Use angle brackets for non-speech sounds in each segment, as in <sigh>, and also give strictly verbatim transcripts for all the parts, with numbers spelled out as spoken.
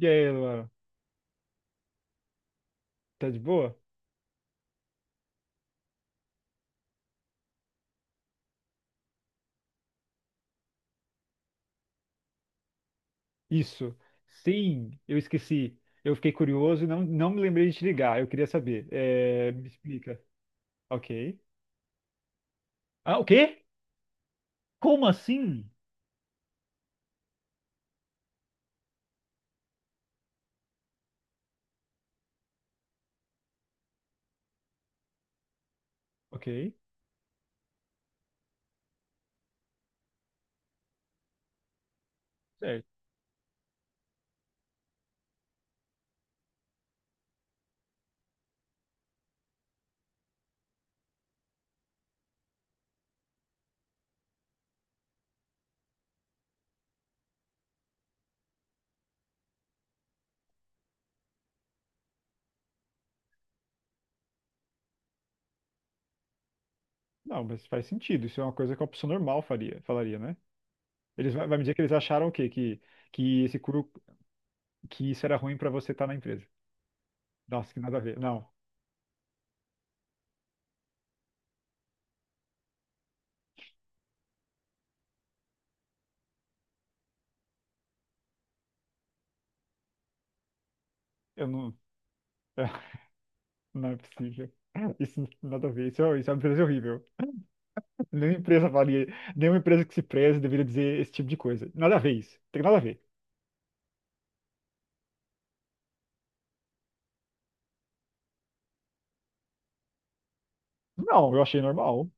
E aí, Luana, tá de boa? Isso. Sim, eu esqueci. Eu fiquei curioso e não, não me lembrei de te ligar. Eu queria saber. É, me explica. Ok. Ah, o quê? Como assim? Ok. Certo. Não, mas faz sentido. Isso é uma coisa que uma pessoa normal faria, falaria, né? Eles vai vai me dizer que eles acharam o quê? Que, que esse curo, que isso era ruim pra você estar na empresa. Nossa, que nada a ver. Não, eu não. <laughs> Não é possível. Isso não tem nada a ver. Isso é, isso é uma empresa horrível. Nenhuma empresa valia, nenhuma empresa que se preze deveria dizer esse tipo de coisa. Nada a ver isso. Tem nada a ver. Não, eu achei normal.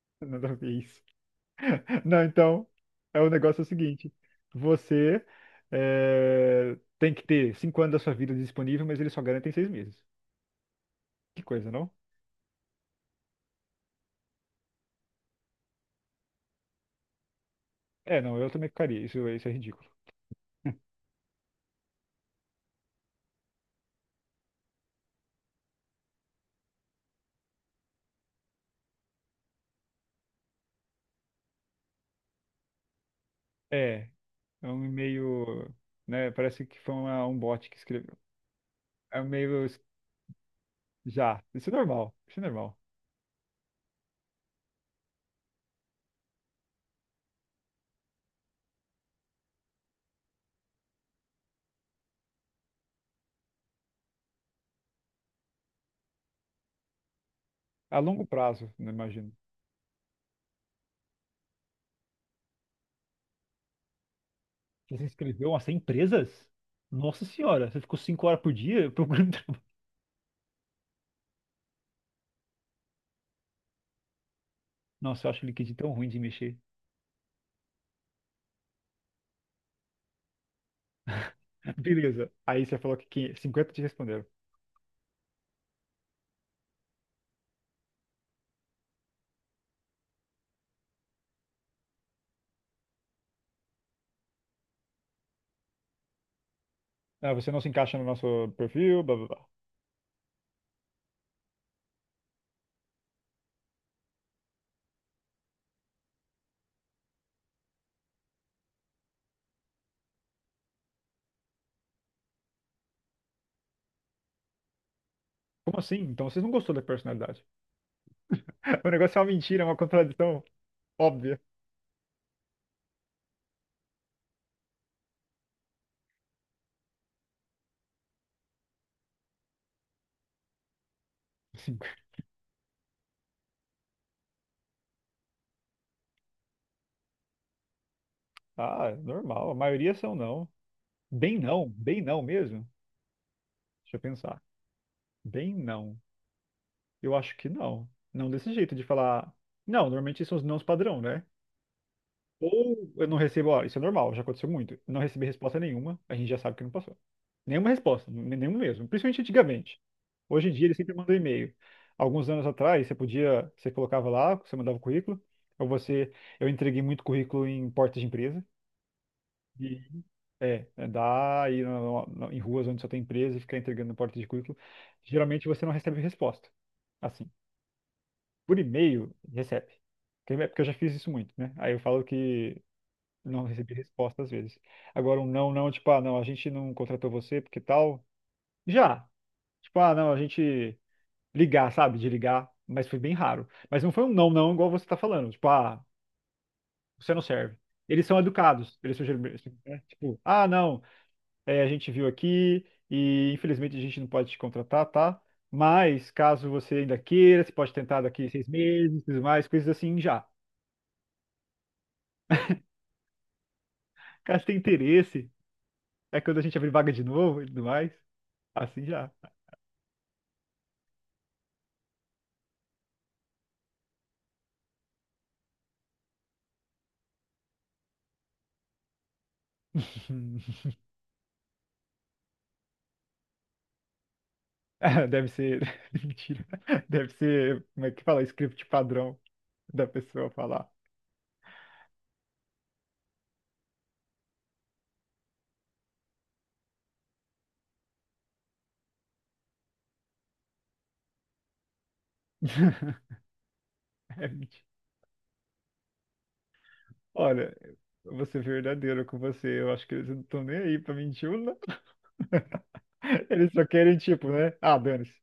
<laughs> Nada a ver isso. Não, então, é o negócio é o seguinte. Você é, tem que ter cinco anos da sua vida disponível, mas eles só garantem seis meses. Que coisa, não? É, não, eu também ficaria. Isso, isso é ridículo. É, é um e-mail, né? Parece que foi uma- um bot que escreveu. É um e-mail já. Isso é normal. Isso é normal. A longo prazo, não imagino. Você se inscreveu a cem empresas? Nossa senhora, você ficou cinco horas por dia <laughs> procurando trabalho. Nossa, eu acho o LinkedIn tão ruim de mexer. <laughs> Beleza. Aí você falou que quin- cinquenta te responderam. Ah, você não se encaixa no nosso perfil, blá blá blá. Como assim? Então vocês não gostou da personalidade. <laughs> O negócio é uma mentira, é uma contradição óbvia. <laughs> Assim, ah, normal. A maioria são não. Bem não, bem não mesmo. Deixa eu pensar. Bem não. Eu acho que não. Não desse jeito de falar. Não, normalmente são os nãos padrão, né? Ou eu não recebo, ó, isso é normal, já aconteceu muito. não recebi resposta nenhuma, a gente já sabe que não passou. Nenhuma resposta, n- nenhum mesmo, principalmente antigamente. Hoje em dia ele sempre manda um e-mail. Alguns anos atrás, você podia, você colocava lá, você mandava o currículo, ou você, eu entreguei muito currículo em portas de empresa, e é, é dá aí no- no- em ruas onde só tem empresa e ficar entregando em porta de currículo. Geralmente você não recebe resposta. Assim, por e-mail, recebe. Porque é porque eu já fiz isso muito, né? Aí eu falo que não recebi resposta às vezes. Agora, um não, não, tipo, ah, não, a gente não contratou você porque tal. Já. Tipo, ah, não, a gente ligar, sabe? De ligar, mas foi bem raro. Mas não foi um não, não, igual você tá falando. Tipo, ah, você não serve. Eles são educados. Eles são, geralmente, né? Tipo, ah, não, é, a gente viu aqui e infelizmente a gente não pode te contratar, tá? Mas caso você ainda queira, você pode tentar daqui seis meses, tudo mais, coisas assim já. Caso tenha interesse, é quando a gente abrir vaga de novo e tudo mais, assim já. <laughs> <laughs> Deve ser. <laughs> Mentira. Deve ser. Como é que fala? Script padrão da pessoa falar. <laughs> É mentira. Olha, eu vou ser verdadeiro com você. Eu acho que eles não estão nem aí pra mentir ou <laughs> eles só querem, tipo, né? Ah, dane-se.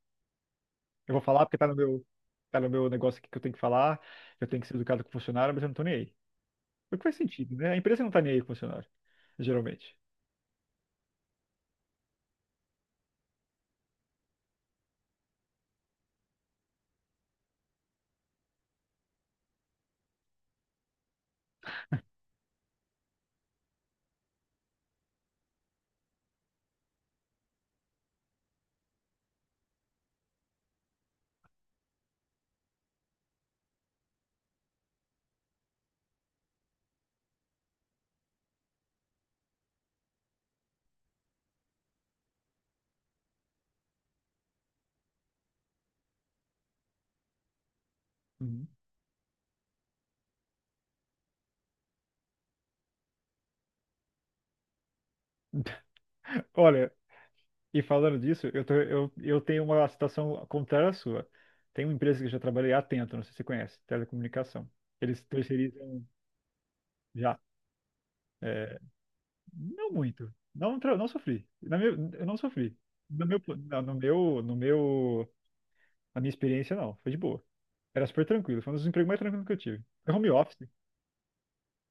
Eu vou falar porque tá no meu, tá no meu negócio aqui que eu tenho que falar. Eu tenho que ser educado com o funcionário, mas eu não tô nem aí. O que faz sentido, né? A empresa não tá nem aí com o funcionário, geralmente. Uhum. Olha, e falando disso, eu, tô- eu, eu tenho uma situação contrária à sua. Tem uma empresa que eu já trabalhei, a Atento, não sei se você conhece, telecomunicação. Eles terceirizam já. É, não muito. Não, tra- não sofri. Na meu, eu não sofri. No meu, na- no meu, no meu, na minha experiência, não. Foi de boa. Era super tranquilo. Foi um dos empregos mais tranquilos que eu tive. É home office.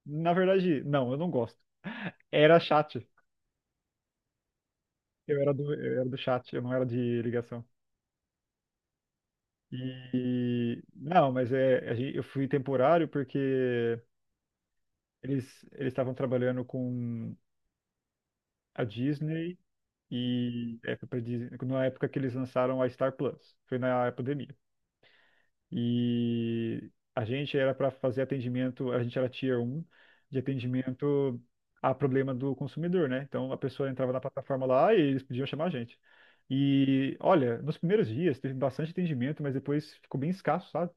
Na verdade, não, eu não gosto. Era chat. Eu era do, eu era do chat, eu não era de ligação. E não, mas é, a gen- eu fui temporário porque eles eles estavam trabalhando com a Disney e é foi pra Disney, na época que eles lançaram a Star Plus, foi na pandemia. E a gente era para fazer atendimento, a gente era tier um de atendimento a problema do consumidor, né? Então a pessoa entrava na plataforma lá e eles podiam chamar a gente. E olha, nos primeiros dias teve bastante atendimento, mas depois ficou bem escasso, sabe?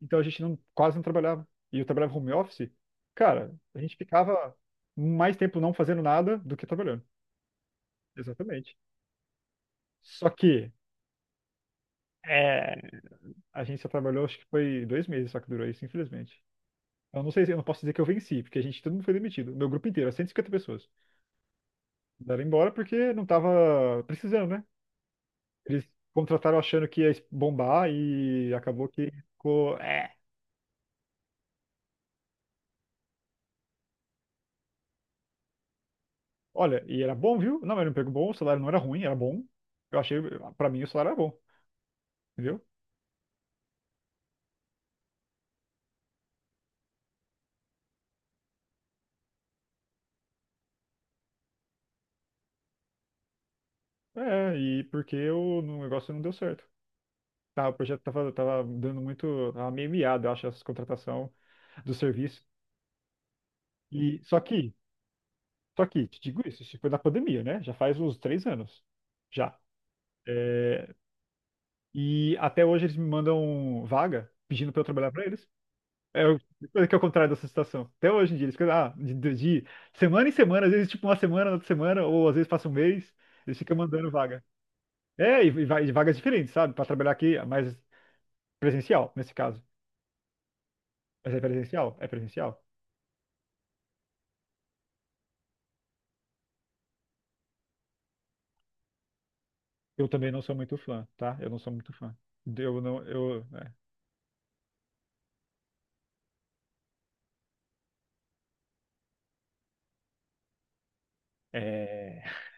Então a gente não, quase não trabalhava. E eu trabalhava home office. Cara, a gente ficava mais tempo não fazendo nada do que trabalhando. Exatamente. Só que é, a gente só trabalhou, acho que foi dois meses só que durou isso, infelizmente. Eu não sei, se- eu não posso dizer que eu venci, porque a gente, todo mundo foi demitido. Meu grupo inteiro, cento e cinquenta pessoas. Mandaram embora porque não tava precisando, né? Eles contrataram achando que ia bombar e acabou que ficou. É. Olha, e era bom, viu? Não, era um emprego bom, o salário não era ruim, era bom. Eu achei, pra mim, o salário era bom. Entendeu? É, e porque o negócio não deu certo. Tá, o projeto tava, tava dando muito, tava meio miado, eu acho, essa contratação do serviço. E só que, só que, te digo isso, isso foi na pandemia, né? Já faz uns três anos, já. É, e até hoje eles me mandam vaga pedindo pra eu trabalhar pra eles. É o- coisa que é o contrário dessa situação. Até hoje em dia, eles ficam, ah, de, de de semana em semana, às vezes tipo uma semana, outra semana, ou às vezes passa um mês, eles ficam mandando vaga. É, e, e vai- e vagas diferentes, sabe? Pra trabalhar aqui, mas presencial, nesse caso. Mas é presencial? É presencial. Eu também não sou muito fã, tá? Eu não sou muito fã. Eu não, eu, é, é, <laughs>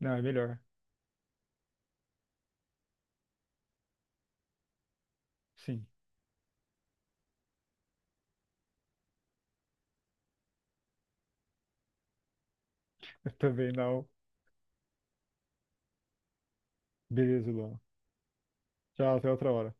não, é melhor. Sim, eu também não. Beleza, Luan. Tchau, até outra hora.